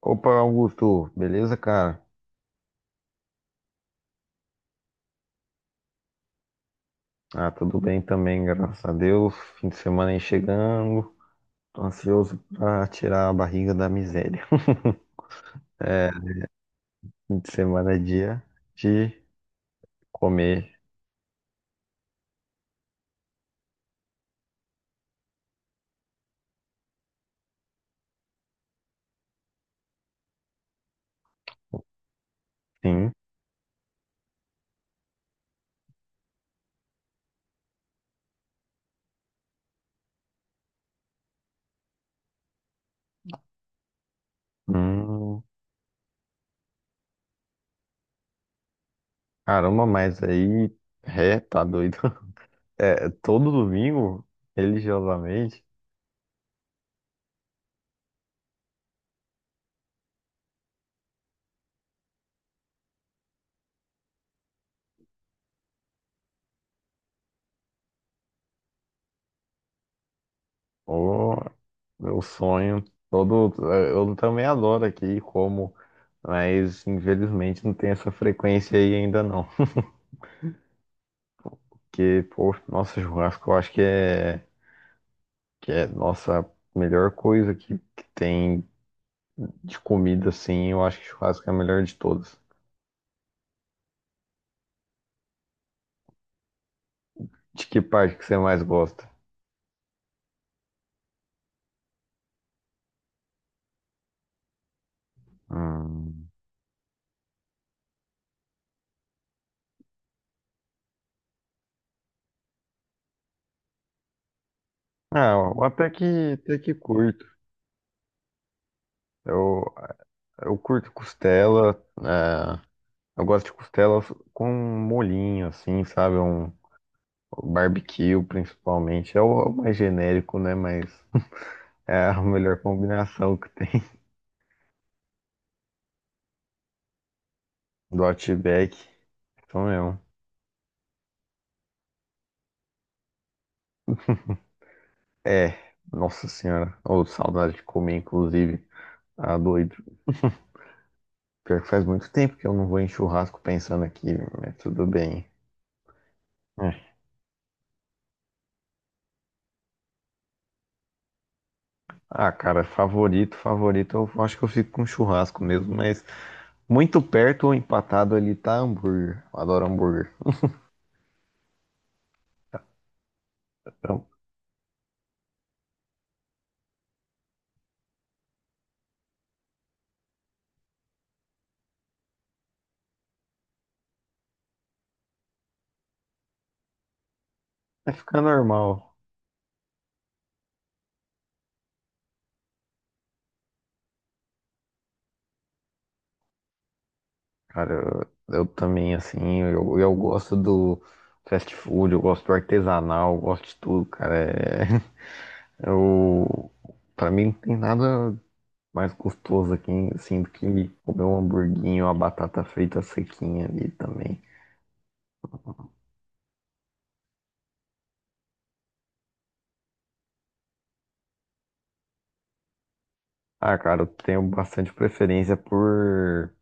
Opa, Augusto, beleza, cara? Ah, tudo bem também, graças a Deus. Fim de semana aí chegando. Tô ansioso pra tirar a barriga da miséria. É, Fim de semana é dia de comer, sim. Hum, caramba, mas aí, tá doido. É, todo domingo, religiosamente, ô, meu sonho, todo, eu também adoro aqui como, mas infelizmente não tem essa frequência aí ainda não. Que, pô, nossa, churrasco eu acho que é nossa melhor coisa que tem de comida, assim. Eu acho que churrasco é a melhor de todas. De que parte que você mais gosta? Hum. Ah, até que curto. Eu, eu curto costela. é, eu gosto de costela com molhinho, assim, sabe? Um barbecue, principalmente. É o mais genérico, né? Mas é a melhor combinação que tem. Do Outback. Então, eu. É, nossa senhora. Ô, saudade de comer, inclusive. Ah, doido. Pior que faz muito tempo que eu não vou em churrasco pensando aqui, mas tudo bem. É. Ah, cara, favorito, favorito. Eu acho que eu fico com churrasco mesmo, mas muito perto ou empatado ali tá hambúrguer. Eu adoro hambúrguer. Então, vai ficar normal. Cara, eu também, assim, eu gosto do fast food, eu gosto do artesanal, eu gosto de tudo, cara. É, eu, pra mim não tem nada mais gostoso aqui, hein? Assim, do que comer um hamburguinho, uma batata frita sequinha ali também. Ah, cara, eu tenho bastante preferência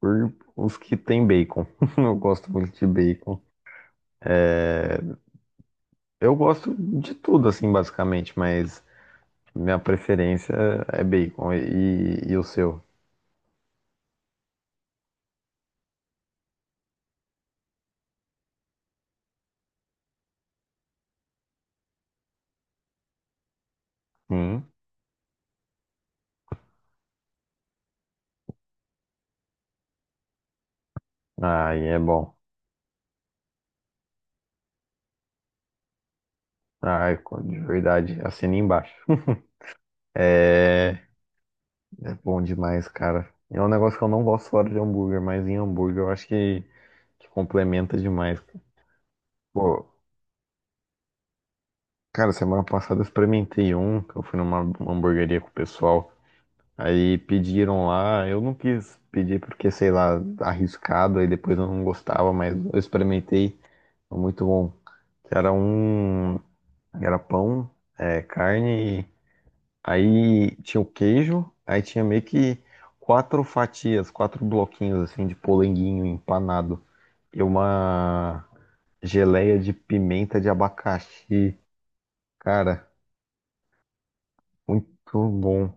por os que tem bacon. Eu gosto muito de bacon. É, eu gosto de tudo, assim, basicamente, mas minha preferência é bacon. E o seu? Hum? Ai, é bom. Ai, de verdade, assina embaixo. É, é bom demais, cara. É um negócio que eu não gosto fora de hambúrguer, mas em hambúrguer eu acho que complementa demais. Pô, cara, semana passada eu experimentei um, que eu fui numa hamburgueria com o pessoal. Aí pediram lá, eu não quis pedir porque, sei lá, arriscado, aí depois eu não gostava, mas eu experimentei, foi muito bom. Que era um, era pão, é, carne. Aí tinha o queijo, aí tinha meio que quatro fatias, quatro bloquinhos assim de polenguinho empanado e uma geleia de pimenta de abacaxi. Cara, muito bom.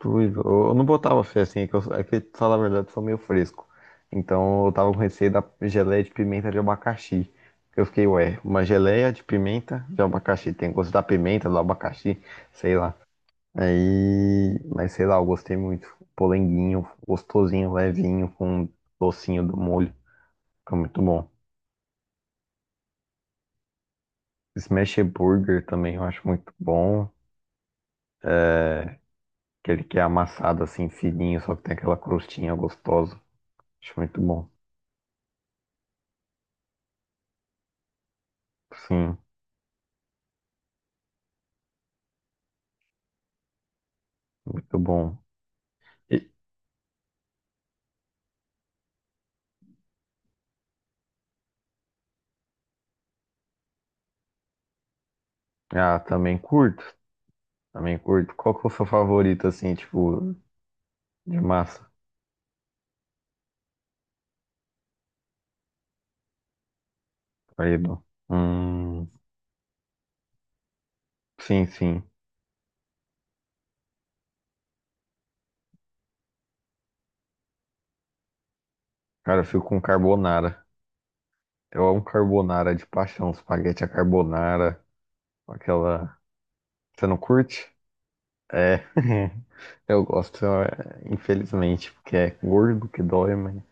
Tudo. Eu não botava fé assim, é que, eu, é que, pra falar a verdade, eu sou meio fresco. Então eu tava com receio da geleia de pimenta de abacaxi. Eu fiquei, ué, uma geleia de pimenta de abacaxi. Tem gosto da pimenta, do abacaxi, sei lá. Aí, mas sei lá, eu gostei muito. Polenguinho, gostosinho, levinho, com um docinho do molho. Fica muito bom. Smash Burger também eu acho muito bom. Aquele que é amassado assim, fininho, só que tem aquela crostinha gostosa. Acho muito bom. Sim, muito bom. E- ah, também curto. Também curto. Qual que é o seu favorito, assim, tipo, de massa? Querido? Hum, sim, sim. Cara, eu fico com carbonara. Eu amo carbonara de paixão. Espaguete à carbonara. Aquela. Você não curte? É. Eu gosto, é, infelizmente, porque é gordo que dói, mas.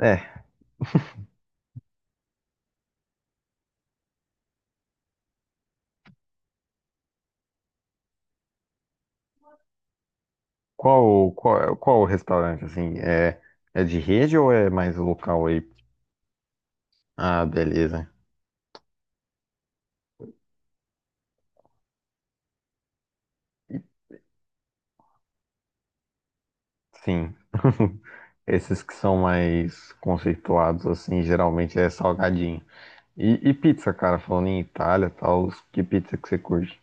É. Qual o restaurante, assim? É, é de rede ou é mais local aí? Ah, beleza. Sim. Esses que são mais conceituados, assim, geralmente é salgadinho. E pizza, cara, falando em Itália e tal, que pizza que você curte?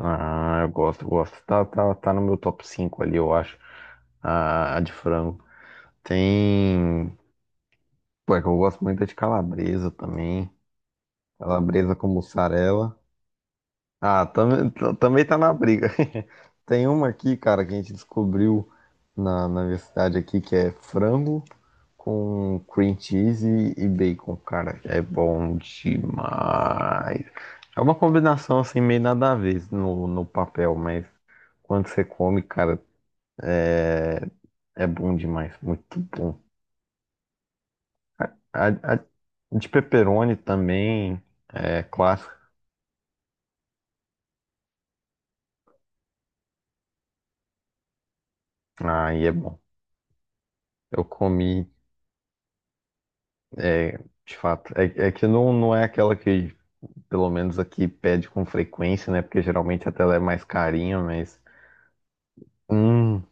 Ah, eu gosto, eu gosto. Tá no meu top 5 ali, eu acho. A de frango. Tem. Pô, é que eu gosto muito de calabresa também. Calabresa com mussarela. Ah, também, também tá na briga. Tem uma aqui, cara, que a gente descobriu na universidade aqui, que é frango com cream cheese e bacon, cara. É bom demais. É uma combinação assim, meio nada a ver no papel, mas quando você come, cara, é, é bom demais. Muito bom. A, a de pepperoni também é clássica. Aí é bom. Eu comi, é, de fato. É, é que não é aquela que, pelo menos aqui, pede com frequência, né? Porque geralmente até ela é mais carinha, mas. Hum,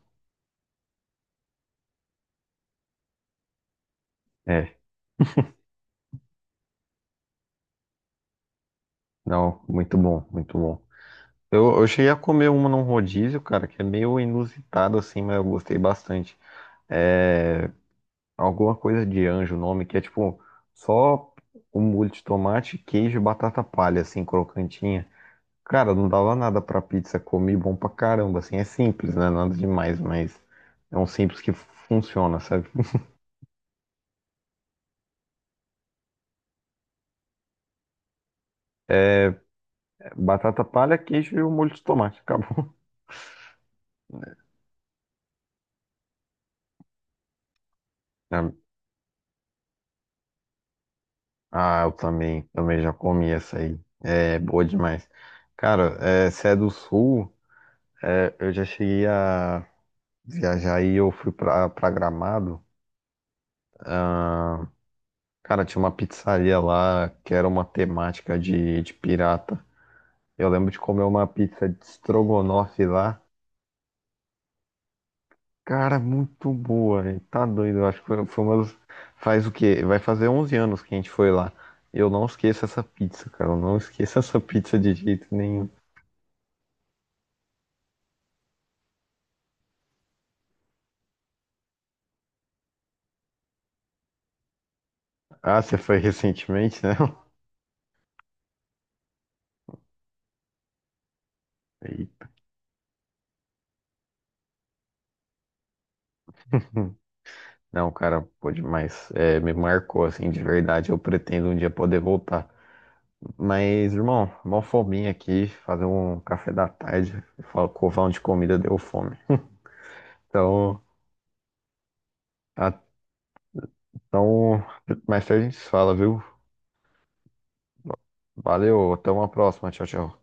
é. Não, muito bom, muito bom. Eu cheguei a comer uma num rodízio, cara, que é meio inusitado assim, mas eu gostei bastante. É alguma coisa de anjo, o nome, que é tipo só um molho de tomate, queijo e batata palha, assim, crocantinha. Cara, não dava nada pra pizza, comi bom pra caramba, assim, é simples, né? Nada demais, mas é um simples que funciona, sabe? Batata palha, queijo e o molho de tomate, acabou. Ah, eu também, também já comi essa aí, é boa demais. Cara, é, se é do Sul, é, eu já cheguei a viajar e eu fui pra Gramado. Ah, cara, tinha uma pizzaria lá que era uma temática de pirata. Eu lembro de comer uma pizza de estrogonofe lá. Cara, muito boa, velho. Tá doido. Eu acho que foi uma das... Faz o quê? Vai fazer 11 anos que a gente foi lá. Eu não esqueço essa pizza, cara. Eu não esqueço essa pizza de jeito nenhum. Ah, você foi recentemente, né? Eita. Não, cara, pô, demais. É, me marcou, assim, de verdade. Eu pretendo um dia poder voltar. Mas, irmão, mó fominha aqui. Fazer um café da tarde. Fal- covão de comida deu fome. Então, a- então, mais tarde a gente se fala, viu? Valeu, até uma próxima. Tchau, tchau.